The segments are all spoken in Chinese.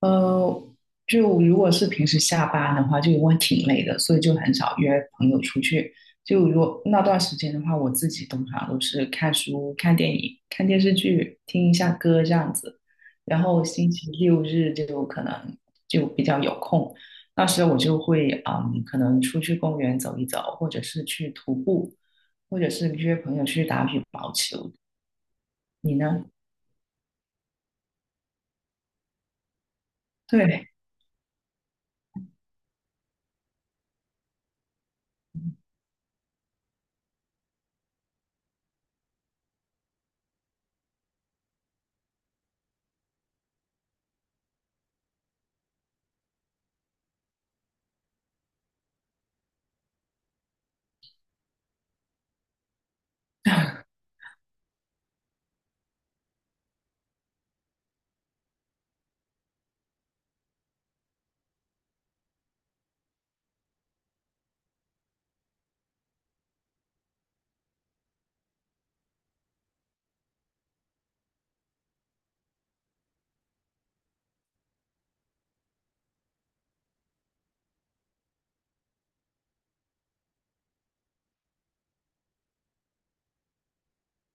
呃，就如果是平时下班的话，就因为挺累的，所以就很少约朋友出去。就如果那段时间的话，我自己通常都是看书、看电影、看电视剧、听一下歌这样子。然后星期六日就可能就比较有空，那时候我就会可能出去公园走一走，或者是去徒步，或者是约朋友去打羽毛球。你呢？对，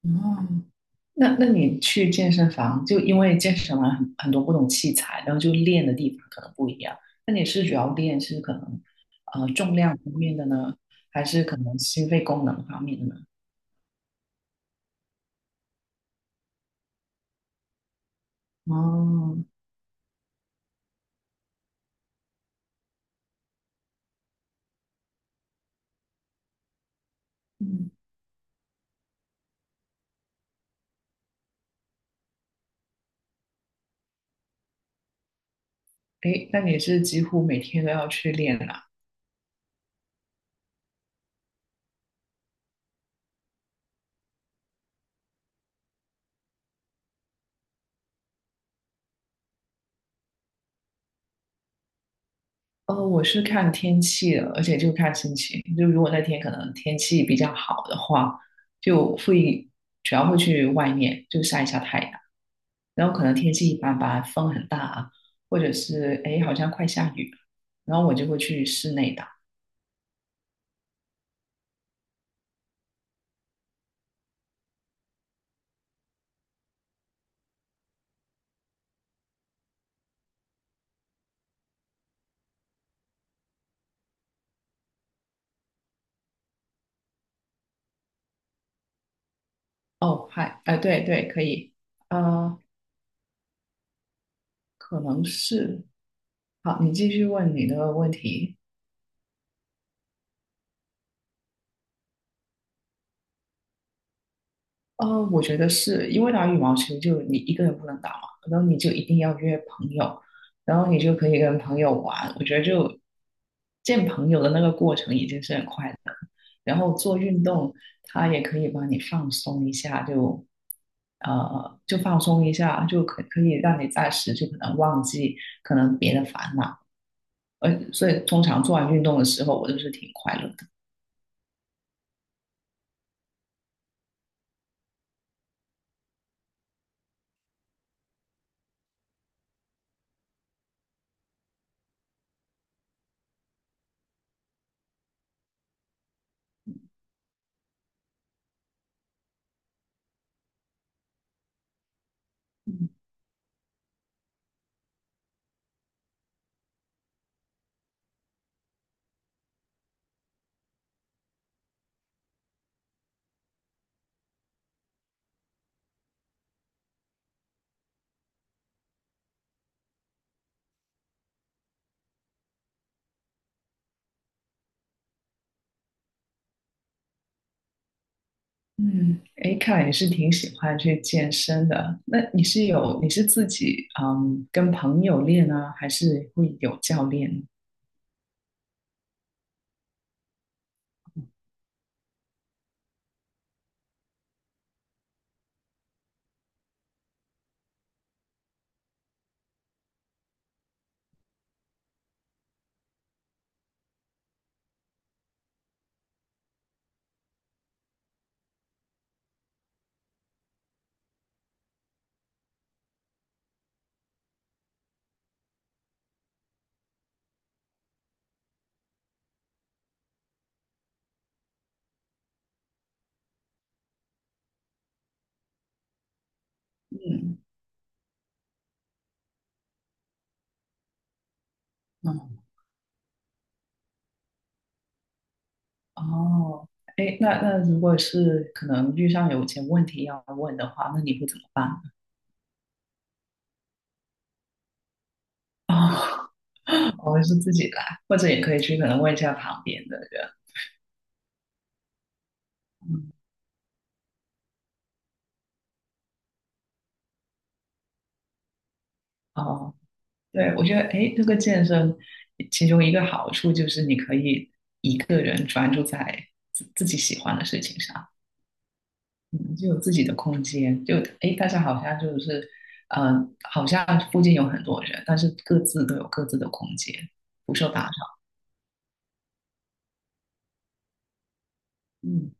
嗯。那你去健身房，就因为健身房很多不同器材，然后就练的地方可能不一样。那你是主要练是可能重量方面的呢，还是可能心肺功能方面的呢？哦，嗯，诶，那你是几乎每天都要去练啦？哦，我是看天气的，而且就看心情。就如果那天可能天气比较好的话，就会主要会去外面就晒一下太阳。然后可能天气一般般，风很大啊，或者是哎好像快下雨了，然后我就会去室内打。哦，嗨，哎、对对，可以，啊可能是，好，你继续问你的问题。我觉得是因为打羽毛球就你一个人不能打嘛，然后你就一定要约朋友，然后你就可以跟朋友玩。我觉得就见朋友的那个过程已经是很快乐的，然后做运动它也可以帮你放松一下，就放松一下，就可以让你暂时就可能忘记可能别的烦恼。所以通常做完运动的时候，我都是挺快乐的。嗯，哎，看来你是挺喜欢去健身的。那你是有，你是自己跟朋友练呢，还是会有教练？嗯嗯哦，哎，那如果是可能遇上有些问题要问的话，那你会怎么办？哦，我是自己来，或者也可以去可能问一下旁边的人。嗯哦，对，我觉得哎，这个健身其中一个好处就是你可以一个人专注在自己喜欢的事情上。嗯就有自己的空间，就诶，大家好像就是，呃，好像附近有很多人，但是各自都有各自的空间，不受打扰。嗯，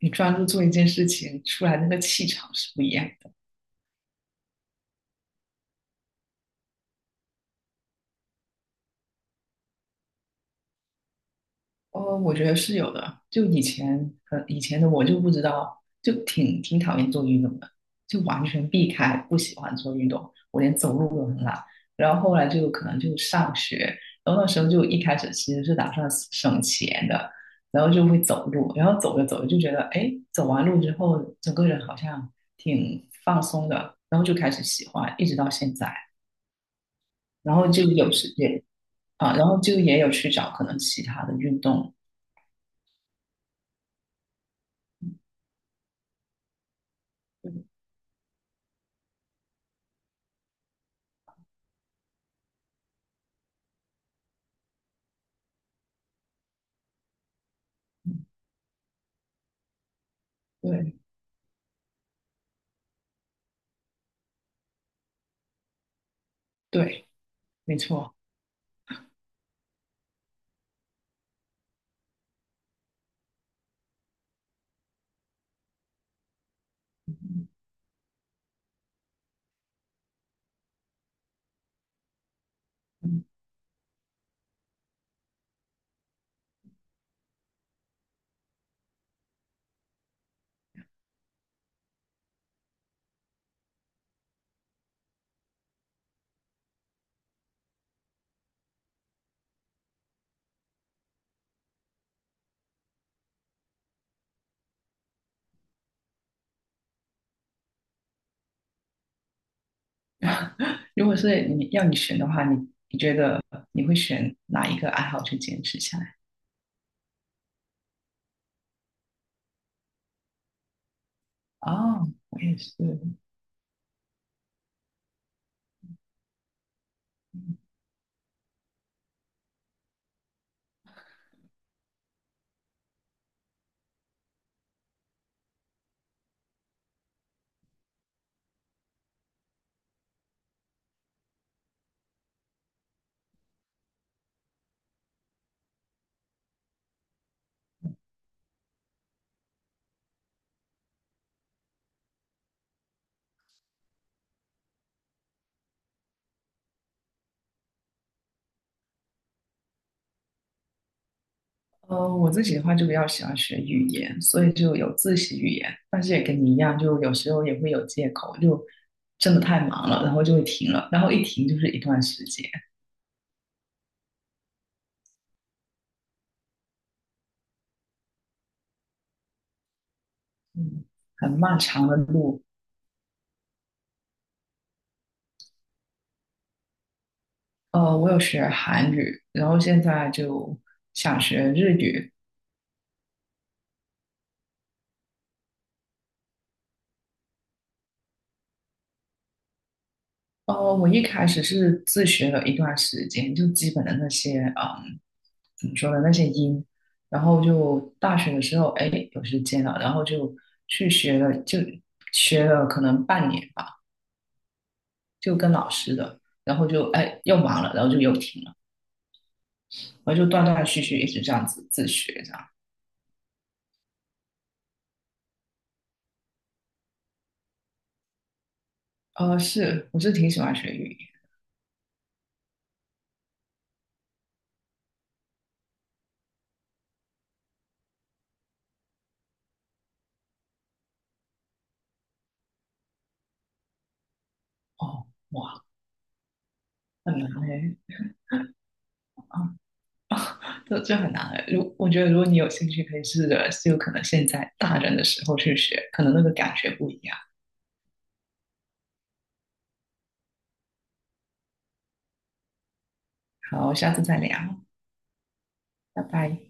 你专注做一件事情，出来那个气场是不一样。哦，我觉得是有的。就以前，以前的我就不知道，就挺讨厌做运动的，就完全避开，不喜欢做运动，我连走路都很懒。然后后来就可能就上学，然后那时候就一开始其实是打算省钱的，然后就会走路，然后走着走着就觉得，哎，走完路之后，整个人好像挺放松的，然后就开始喜欢，一直到现在。然后就有时间啊，然后就也有去找可能其他的运动，对。对，没错。嗯，如果是你要你选的话，你觉得你会选哪一个爱好去坚持下来？哦，我也是。我自己的话就比较喜欢学语言，所以就有自习语言。但是也跟你一样，就有时候也会有借口，就真的太忙了，然后就会停了，然后一停就是一段时间，嗯，很漫长的路。我有学韩语，然后现在就想学日语，我一开始是自学了一段时间，就基本的那些，怎么说呢，那些音，然后就大学的时候，哎，有时间了，然后就去学了，就学了可能半年吧，就跟老师的，然后就哎又忙了，然后就又停了，然后就断断续续一直这样子自学这样。是，我是挺喜欢学语言。哦，哇，很难哎。啊这很难的。我觉得，如果你有兴趣，可以试着就可能现在大人的时候去学，可能那个感觉不一样。好，下次再聊，拜拜。